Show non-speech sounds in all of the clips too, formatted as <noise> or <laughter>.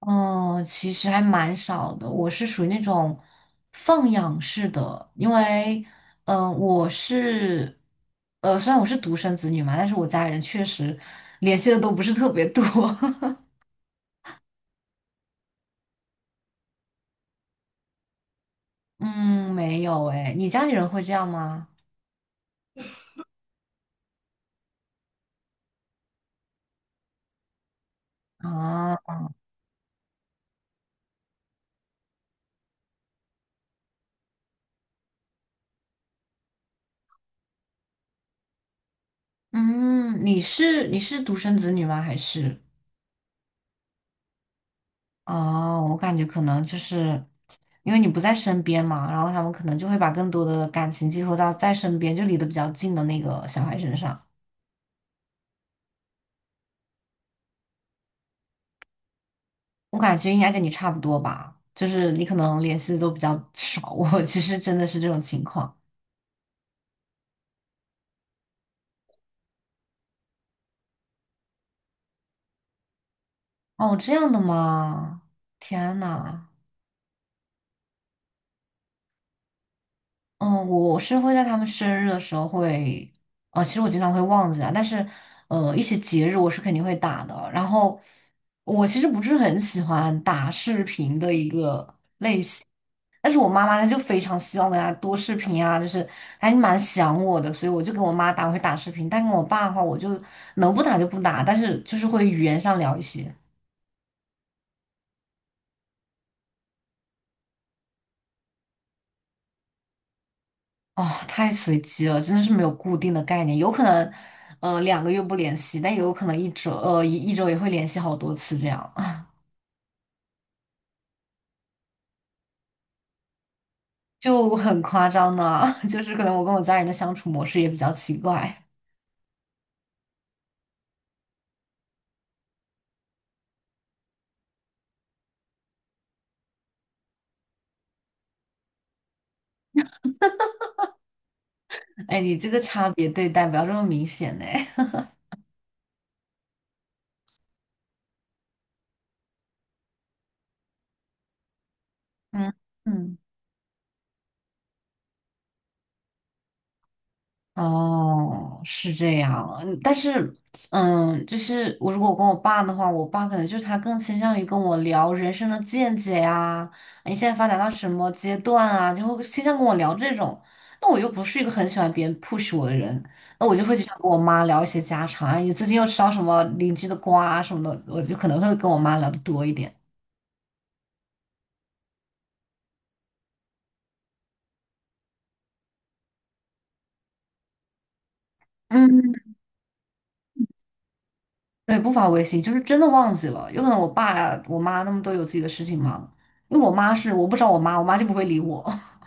嗯，其实还蛮少的。我是属于那种放养式的，因为，嗯、我是，虽然我是独生子女嘛，但是我家里人确实联系的都不是特别多。<laughs> 嗯，没有诶，你家里人会这样吗？啊，嗯，你是独生子女吗？还是？哦，我感觉可能就是因为你不在身边嘛，然后他们可能就会把更多的感情寄托到在身边，就离得比较近的那个小孩身上。我感觉应该跟你差不多吧，就是你可能联系的都比较 <laughs> 少，我其实真的是这种情况。哦，这样的吗？天呐，嗯，我是会在他们生日的时候会，哦，其实我经常会忘记啊，但是，一些节日我是肯定会打的。然后，我其实不是很喜欢打视频的一个。但是我妈妈她就非常希望跟她多视频啊，就是还蛮想我的，所以我就跟我妈打会打视频，但跟我爸的话，我就能不打就不打，但是就是会语言上聊一些。哦，太随机了，真的是没有固定的概念，有可能，两个月不联系，但也有可能一周，一周也会联系好多次，这样 <laughs> 就很夸张呢。<laughs> 就是可能我跟我家人的相处模式也比较奇怪。<laughs> 哎，你这个差别对待不要这么明显呢。<laughs> 嗯嗯。哦，是这样，嗯但是，嗯，就是我如果跟我爸的话，我爸可能就是他更倾向于跟我聊人生的见解呀，你现在发展到什么阶段啊，就会倾向跟我聊这种。那我又不是一个很喜欢别人 push 我的人，那我就会经常跟我妈聊一些家常啊，你最近又吃到什么邻居的瓜啊什么的，我就可能会跟我妈聊的多一点。嗯。对，不发微信，就是真的忘记了。有可能我爸呀、我妈他们都有自己的事情忙，因为我妈是我不找我妈，我妈就不会理我。<laughs>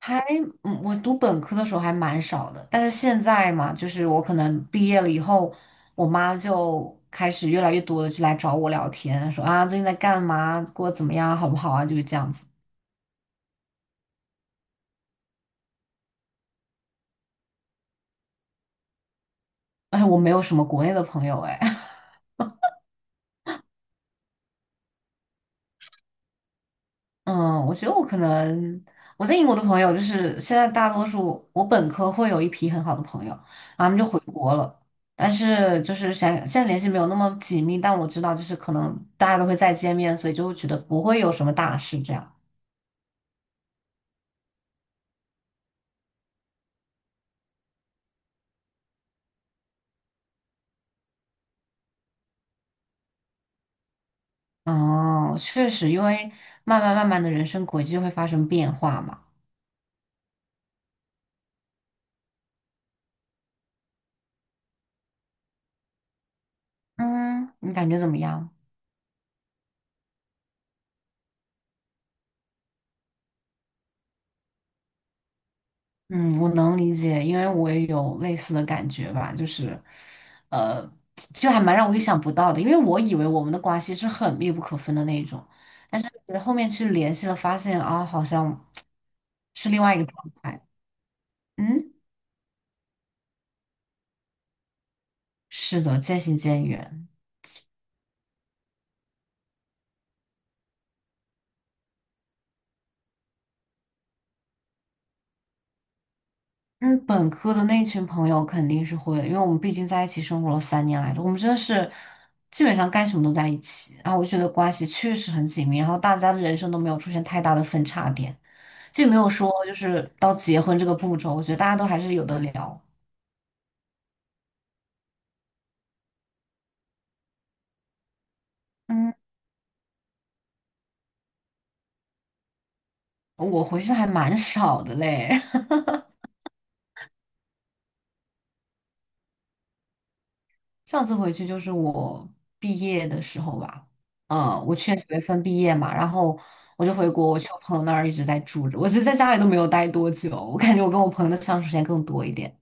还，嗯，我读本科的时候还蛮少的，但是现在嘛，就是我可能毕业了以后，我妈就开始越来越多的就来找我聊天，说啊最近在干嘛，过得怎么样，好不好啊，就是这样子。哎，我没有什么国内的朋友，哎，嗯，我觉得我可能我在英国的朋友，就是现在大多数我本科会有一批很好的朋友，然后他们就回国了，但是就是想现在联系没有那么紧密，但我知道就是可能大家都会再见面，所以就会觉得不会有什么大事这样。哦，确实，因为慢慢的人生轨迹就会发生变化嘛。嗯，你感觉怎么样？嗯，我能理解，因为我也有类似的感觉吧，就是，呃，就还蛮让我意想不到的，因为我以为我们的关系是很密不可分的那一种，但是后面去联系了，发现啊，好像是另外一个状态。嗯，是的，渐行渐远。嗯，本科的那群朋友肯定是会的，因为我们毕竟在一起生活了3年来着，我们真的是基本上干什么都在一起，然后我就觉得关系确实很紧密，然后大家的人生都没有出现太大的分叉点。既没有说就是到结婚这个步骤，我觉得大家都还是有的聊。嗯，我回去的还蛮少的嘞，<laughs> 上次回去就是我毕业的时候吧，嗯，我去年9月份毕业嘛，然后我就回国，我去我朋友那儿一直在住着，我其实在家里都没有待多久，我感觉我跟我朋友的相处时间更多一点。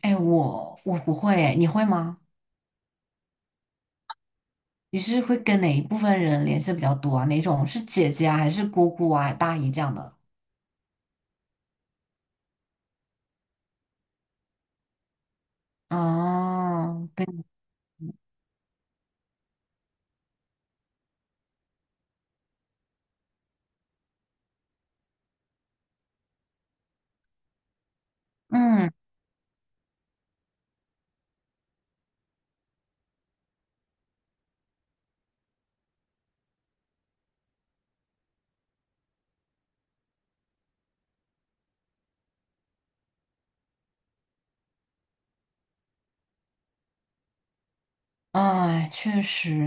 哎，我不会诶，你会吗？你是会跟哪一部分人联系比较多啊？哪种是姐姐啊，还是姑姑啊、大姨这样的？哦，跟嗯。哎，确实，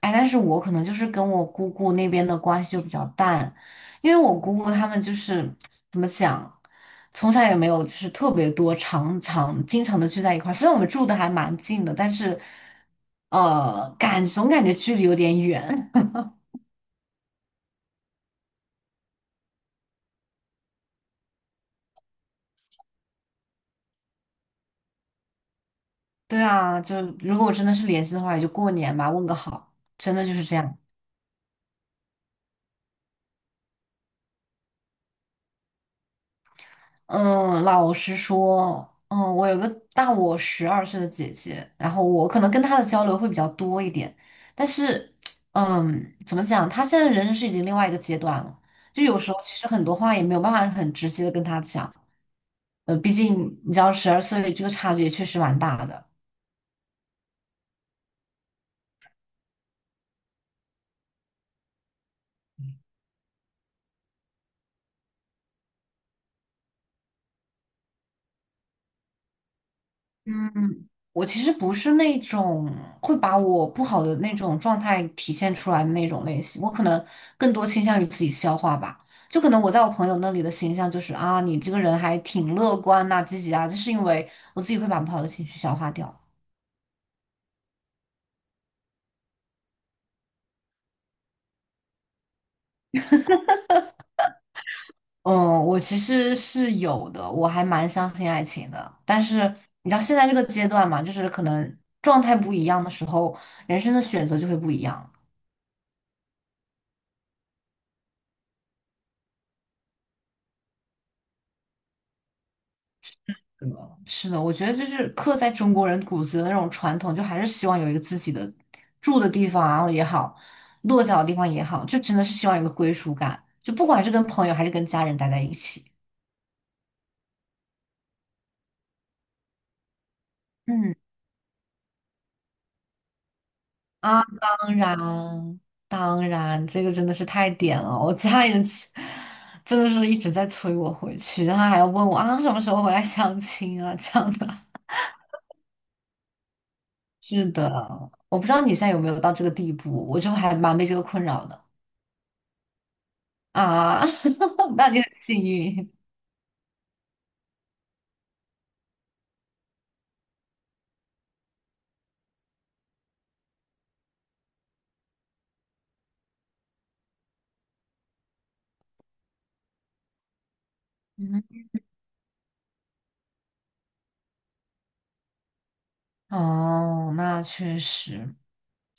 哎，但是我可能就是跟我姑姑那边的关系就比较淡，因为我姑姑他们就是怎么讲，从小也没有就是特别多常常经常的聚在一块儿，虽然我们住的还蛮近的，但是总感觉距离有点远。<laughs> 对啊，就如果我真的是联系的话，也就过年吧，问个好，真的就是这样。嗯，老实说，嗯，我有个大我十二岁的姐姐，然后我可能跟她的交流会比较多一点，但是，嗯，怎么讲，她现在人生是已经另外一个阶段了，就有时候其实很多话也没有办法很直接的跟她讲，毕竟你知道十二岁这个差距也确实蛮大的。嗯，我其实不是那种会把我不好的那种状态体现出来的那种类型，我可能更多倾向于自己消化吧。就可能我在我朋友那里的形象就是啊，你这个人还挺乐观呐、积极啊，就是因为我自己会把不好的情绪消化掉。嗯，我其实是有的，我还蛮相信爱情的。但是你知道现在这个阶段嘛，就是可能状态不一样的时候，人生的选择就会不一样。嗯，是的，我觉得就是刻在中国人骨子的那种传统，就还是希望有一个自己的住的地方然后也好，落脚的地方也好，就真的是希望有个归属感，就不管是跟朋友还是跟家人待在一起。嗯啊，当然，当然，这个真的是太点了，我家人其真的是一直在催我回去，然后还要问我啊什么时候回来相亲啊这样的。<laughs> 是的，我不知道你现在有没有到这个地步，我就还蛮被这个困扰的。啊，<laughs> 那你很幸运。嗯，哦，那确实。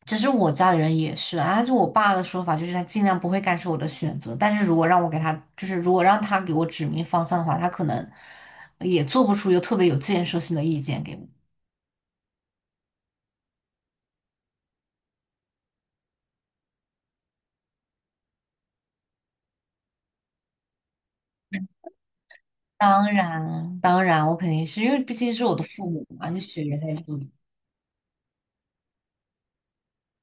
其实我家里人也是，啊，就我爸的说法就是他尽量不会干涉我的选择，但是如果让我给他，就是如果让他给我指明方向的话，他可能也做不出一个特别有建设性的意见给我。当然，当然，我肯定是因为毕竟是我的父母嘛，就血缘在这里。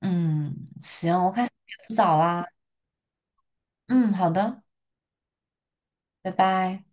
嗯，行，我看也不早啦。嗯，好的，拜拜。